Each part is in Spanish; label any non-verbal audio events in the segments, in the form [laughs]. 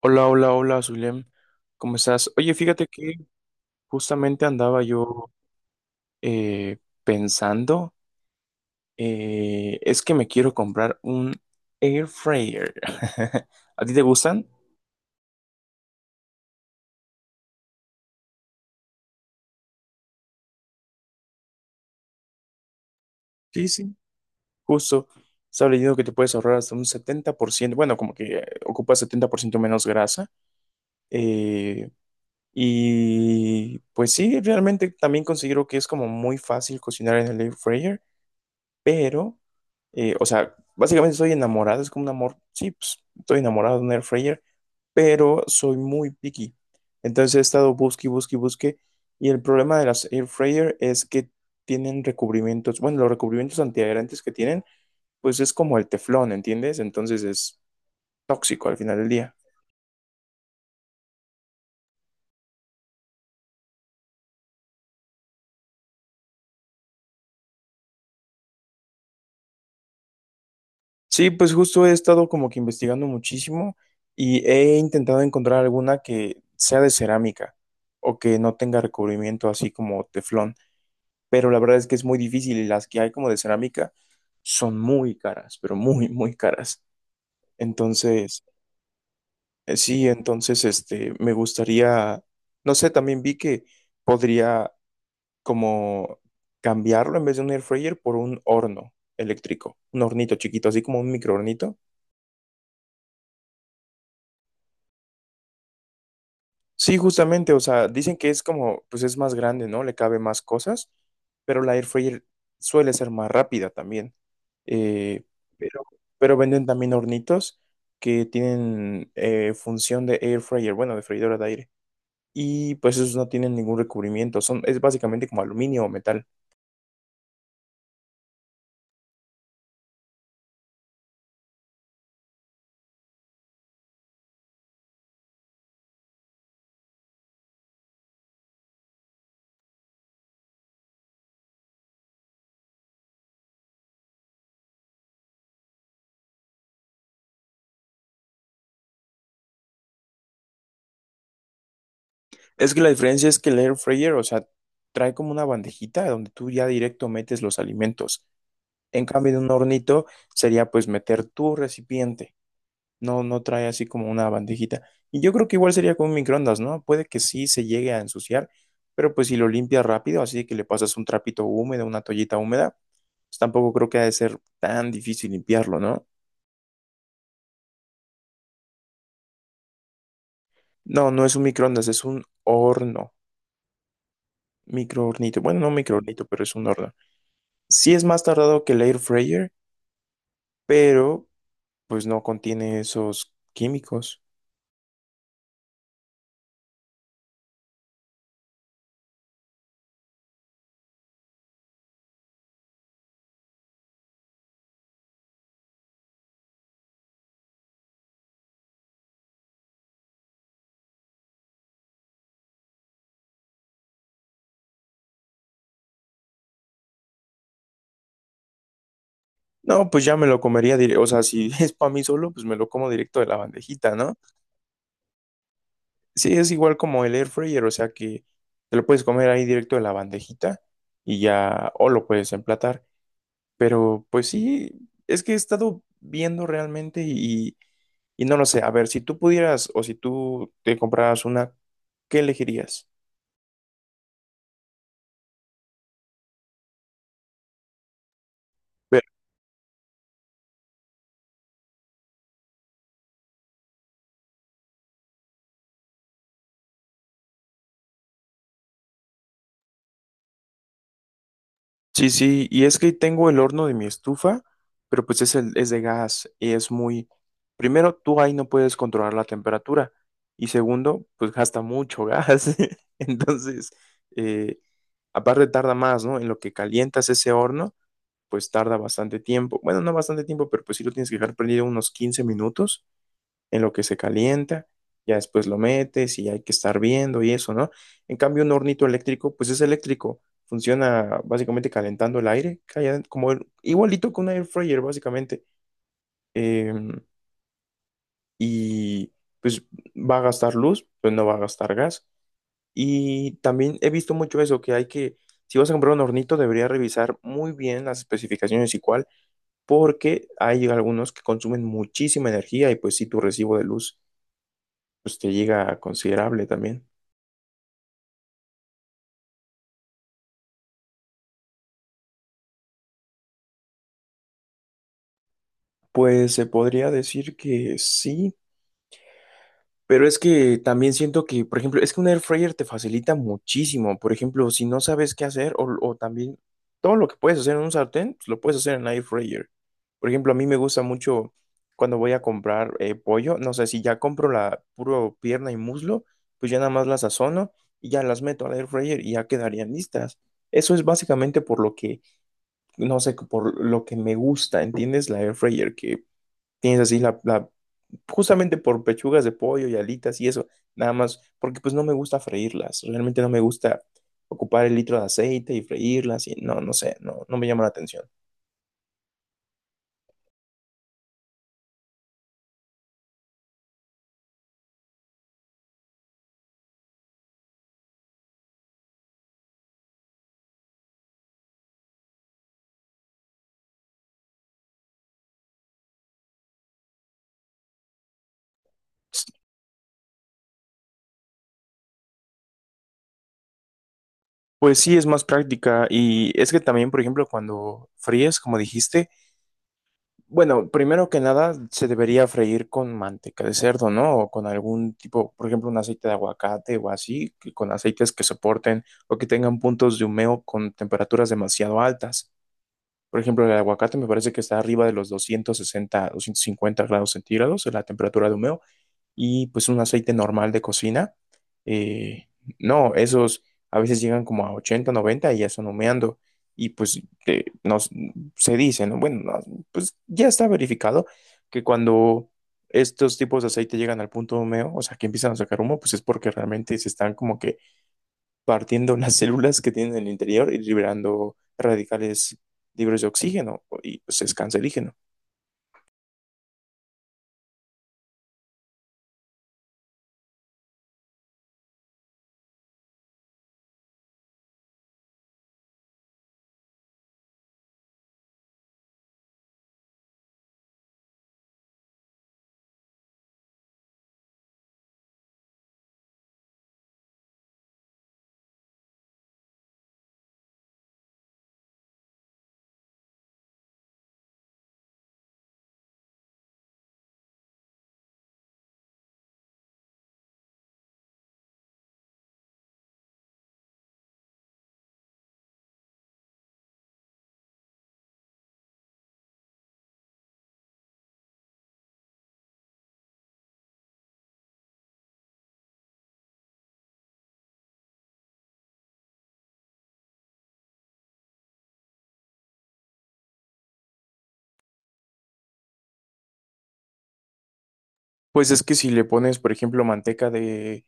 Hola, hola, hola, Zulem. ¿Cómo estás? Oye, fíjate que justamente andaba yo eh, pensando, es que me quiero comprar un air fryer. [laughs] ¿A ti te gustan? Sí, sí, justo. Estaba leyendo que te puedes ahorrar hasta un 70%. Bueno, como que ocupa 70% menos grasa. eh, y pues sí, realmente también considero que es como muy fácil cocinar en el air fryer. pero, o sea, básicamente estoy enamorado, es como un amor, sí, pues estoy enamorado de un air fryer, pero soy muy picky. Entonces he estado busque, y busque, y busque, y el problema de las air fryer es que tienen recubrimientos, bueno, los recubrimientos antiadherentes que tienen, pues es como el teflón, ¿entiendes? Entonces es tóxico al final del día. Sí, pues justo he estado como que investigando muchísimo y he intentado encontrar alguna que sea de cerámica o que no tenga recubrimiento así como teflón. Pero la verdad es que es muy difícil y las que hay como de cerámica son muy caras, pero muy, muy caras. Entonces, sí, entonces, este, me gustaría, no sé, también vi que podría como cambiarlo en vez de un air fryer por un horno eléctrico, un hornito chiquito, así como un microhornito. Sí, justamente, o sea, dicen que es como, pues es más grande, ¿no? Le cabe más cosas, pero la air fryer suele ser más rápida también. Eh, pero, pero venden también hornitos que tienen función de air fryer, bueno, de freidora de aire. Y pues esos no tienen ningún recubrimiento, son, es básicamente como aluminio o metal. Es que la diferencia es que el air fryer, o sea, trae como una bandejita donde tú ya directo metes los alimentos. En cambio, en un hornito sería pues meter tu recipiente. No, no trae así como una bandejita. Y yo creo que igual sería con un microondas, ¿no? Puede que sí se llegue a ensuciar, pero pues si lo limpias rápido, así que le pasas un trapito húmedo, una toallita húmeda, pues tampoco creo que ha de ser tan difícil limpiarlo, ¿no? No, no es un microondas, es un horno, microhornito. Bueno, no microhornito, pero es un horno. Sí es más tardado que el air fryer, pero pues no contiene esos químicos. No, pues ya me lo comería directo, o sea, si [laughs] es para mí solo, pues me lo como directo de la bandejita, ¿no? Sí, es igual como el air fryer, o sea que te lo puedes comer ahí directo de la bandejita y ya, o lo puedes emplatar. Pero pues sí, es que he estado viendo realmente y no lo sé. A ver, si tú pudieras o si tú te compraras una, ¿qué elegirías? Sí, sí, y es que tengo el horno de mi estufa, pero pues es, el, es de gas y es muy... Primero, tú ahí no puedes controlar la temperatura y segundo, pues gasta mucho gas. [laughs] Entonces, eh, aparte tarda más, ¿no? En lo que calientas ese horno, pues tarda bastante tiempo. Bueno, no bastante tiempo, pero pues sí lo tienes que dejar prendido unos 15 minutos en lo que se calienta, ya después lo metes y hay que estar viendo y eso, ¿no? En cambio, un hornito eléctrico, pues es eléctrico, funciona básicamente calentando el aire, calla- como el- igualito que un air fryer, básicamente. Eh, y pues va a gastar luz, pues no va a gastar gas. Y también he visto mucho eso, que hay que, si vas a comprar un hornito, debería revisar muy bien las especificaciones y cuál, porque hay algunos que consumen muchísima energía y pues sí, tu recibo de luz pues te llega a considerable también. Pues se podría decir que sí, pero es que también siento que, por ejemplo, es que un air fryer te facilita muchísimo. Por ejemplo, si no sabes qué hacer o también todo lo que puedes hacer en un sartén, pues, lo puedes hacer en air fryer. Por ejemplo, a mí me gusta mucho cuando voy a comprar pollo, no sé, si ya compro la puro pierna y muslo, pues ya nada más las sazono y ya las meto al air fryer y ya quedarían listas. Eso es básicamente por lo que no sé, por lo que me gusta, ¿entiendes? La air fryer que tienes así la, la- justamente por pechugas de pollo y alitas y eso, nada más, porque pues no me gusta freírlas, realmente no me gusta ocupar el litro de aceite y freírlas y no, no sé, no, no me llama la atención. Pues sí, es más práctica y es que también, por ejemplo, cuando fríes, como dijiste, bueno, primero que nada, se debería freír con manteca de cerdo, ¿no? O con algún tipo, por ejemplo, un aceite de aguacate o así, que- con aceites que soporten o que tengan puntos de humeo con temperaturas demasiado altas. Por ejemplo, el aguacate me parece que está arriba de los 260, 250 grados centígrados en la temperatura de humeo y pues un aceite normal de cocina. Eh, no, esos a veces llegan como a 80 90 y ya están humeando. Y pues nos, se dice, ¿no? Bueno, no, pues ya está verificado que cuando estos tipos de aceite llegan al punto de humeo, o sea, que empiezan a sacar humo, pues es porque realmente se están como que partiendo [laughs] las células que tienen en el interior y liberando radicales libres de oxígeno y pues es cancerígeno. Pues es que si le pones, por ejemplo, manteca de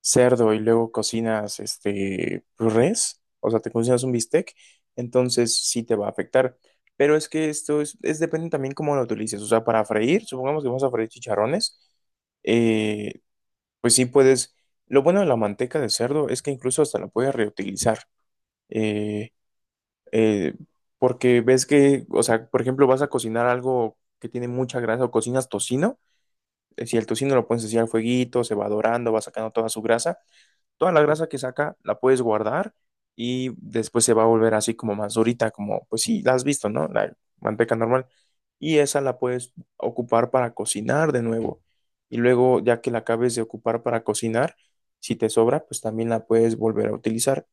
cerdo y luego cocinas este pues, res, o sea, te cocinas un bistec, entonces sí te va a afectar. Pero es que esto es depende también cómo lo utilices. O sea, para freír, supongamos que vamos a freír chicharrones, eh, pues sí puedes. Lo bueno de la manteca de cerdo es que incluso hasta la puedes reutilizar. eh, eh, Porque ves que, o sea, por ejemplo, vas a cocinar algo que tiene mucha grasa o cocinas tocino. Si el tocino lo puedes hacer al fueguito, se va dorando, va sacando toda su grasa. Toda la grasa que saca la puedes guardar y después se va a volver así como más durita, como pues sí, la has visto, ¿no? La manteca normal. Y esa la puedes ocupar para cocinar de nuevo. Y luego, ya que la acabes de ocupar para cocinar, si te sobra, pues también la puedes volver a utilizar.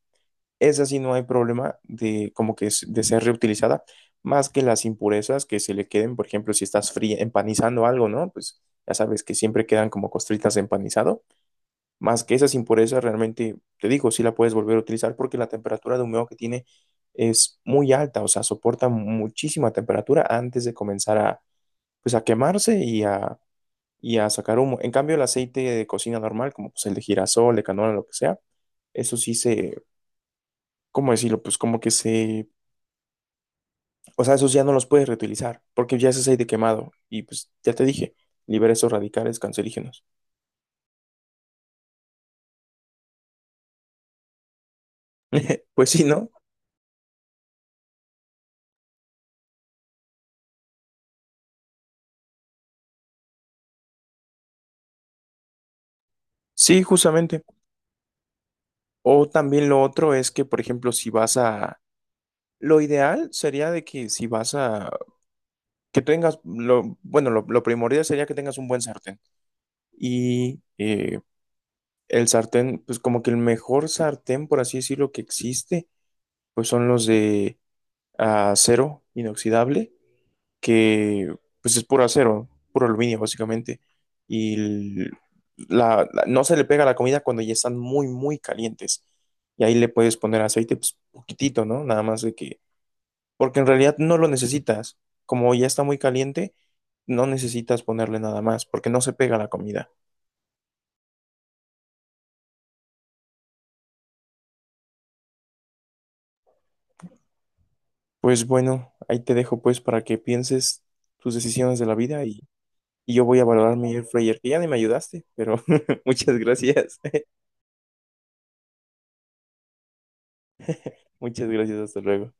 Esa sí no hay problema de como que es- de ser reutilizada, más que las impurezas que se le queden, por ejemplo, si estás fría, empanizando algo, ¿no? Pues ya sabes que siempre quedan como costritas de empanizado, más que esas impurezas realmente, te digo, sí la puedes volver a utilizar porque la temperatura de humeo que tiene es muy alta, o sea, soporta muchísima temperatura antes de comenzar a, pues a quemarse y a sacar humo. En cambio, el aceite de cocina normal, como pues el de girasol, de canola, lo que sea, eso sí se, ¿cómo decirlo? Pues como que se... O sea, esos ya no los puedes reutilizar, porque ya es aceite quemado. Y pues ya te dije, libera esos radicales cancerígenos. [laughs] Pues sí, ¿no? Sí, justamente. O también lo otro es que, por ejemplo, si vas a... Lo ideal sería de que si vas a... Que tengas... Lo... Bueno, lo primordial sería que tengas un buen sartén. Y el sartén, pues como que el mejor sartén, por así decirlo, que existe, pues son los de acero inoxidable que pues es puro acero, puro aluminio básicamente, y l- la- no se le pega la comida cuando ya están muy, muy calientes. Y ahí le puedes poner aceite, pues poquitito, ¿no? Nada más de que, porque en realidad no lo necesitas. Como ya está muy caliente, no necesitas ponerle nada más, porque no se pega la comida. Pues bueno, ahí te dejo pues para que pienses tus decisiones de la vida y yo voy a valorar mi air fryer, que ya ni me ayudaste, pero [laughs] muchas gracias. Muchas gracias, hasta luego.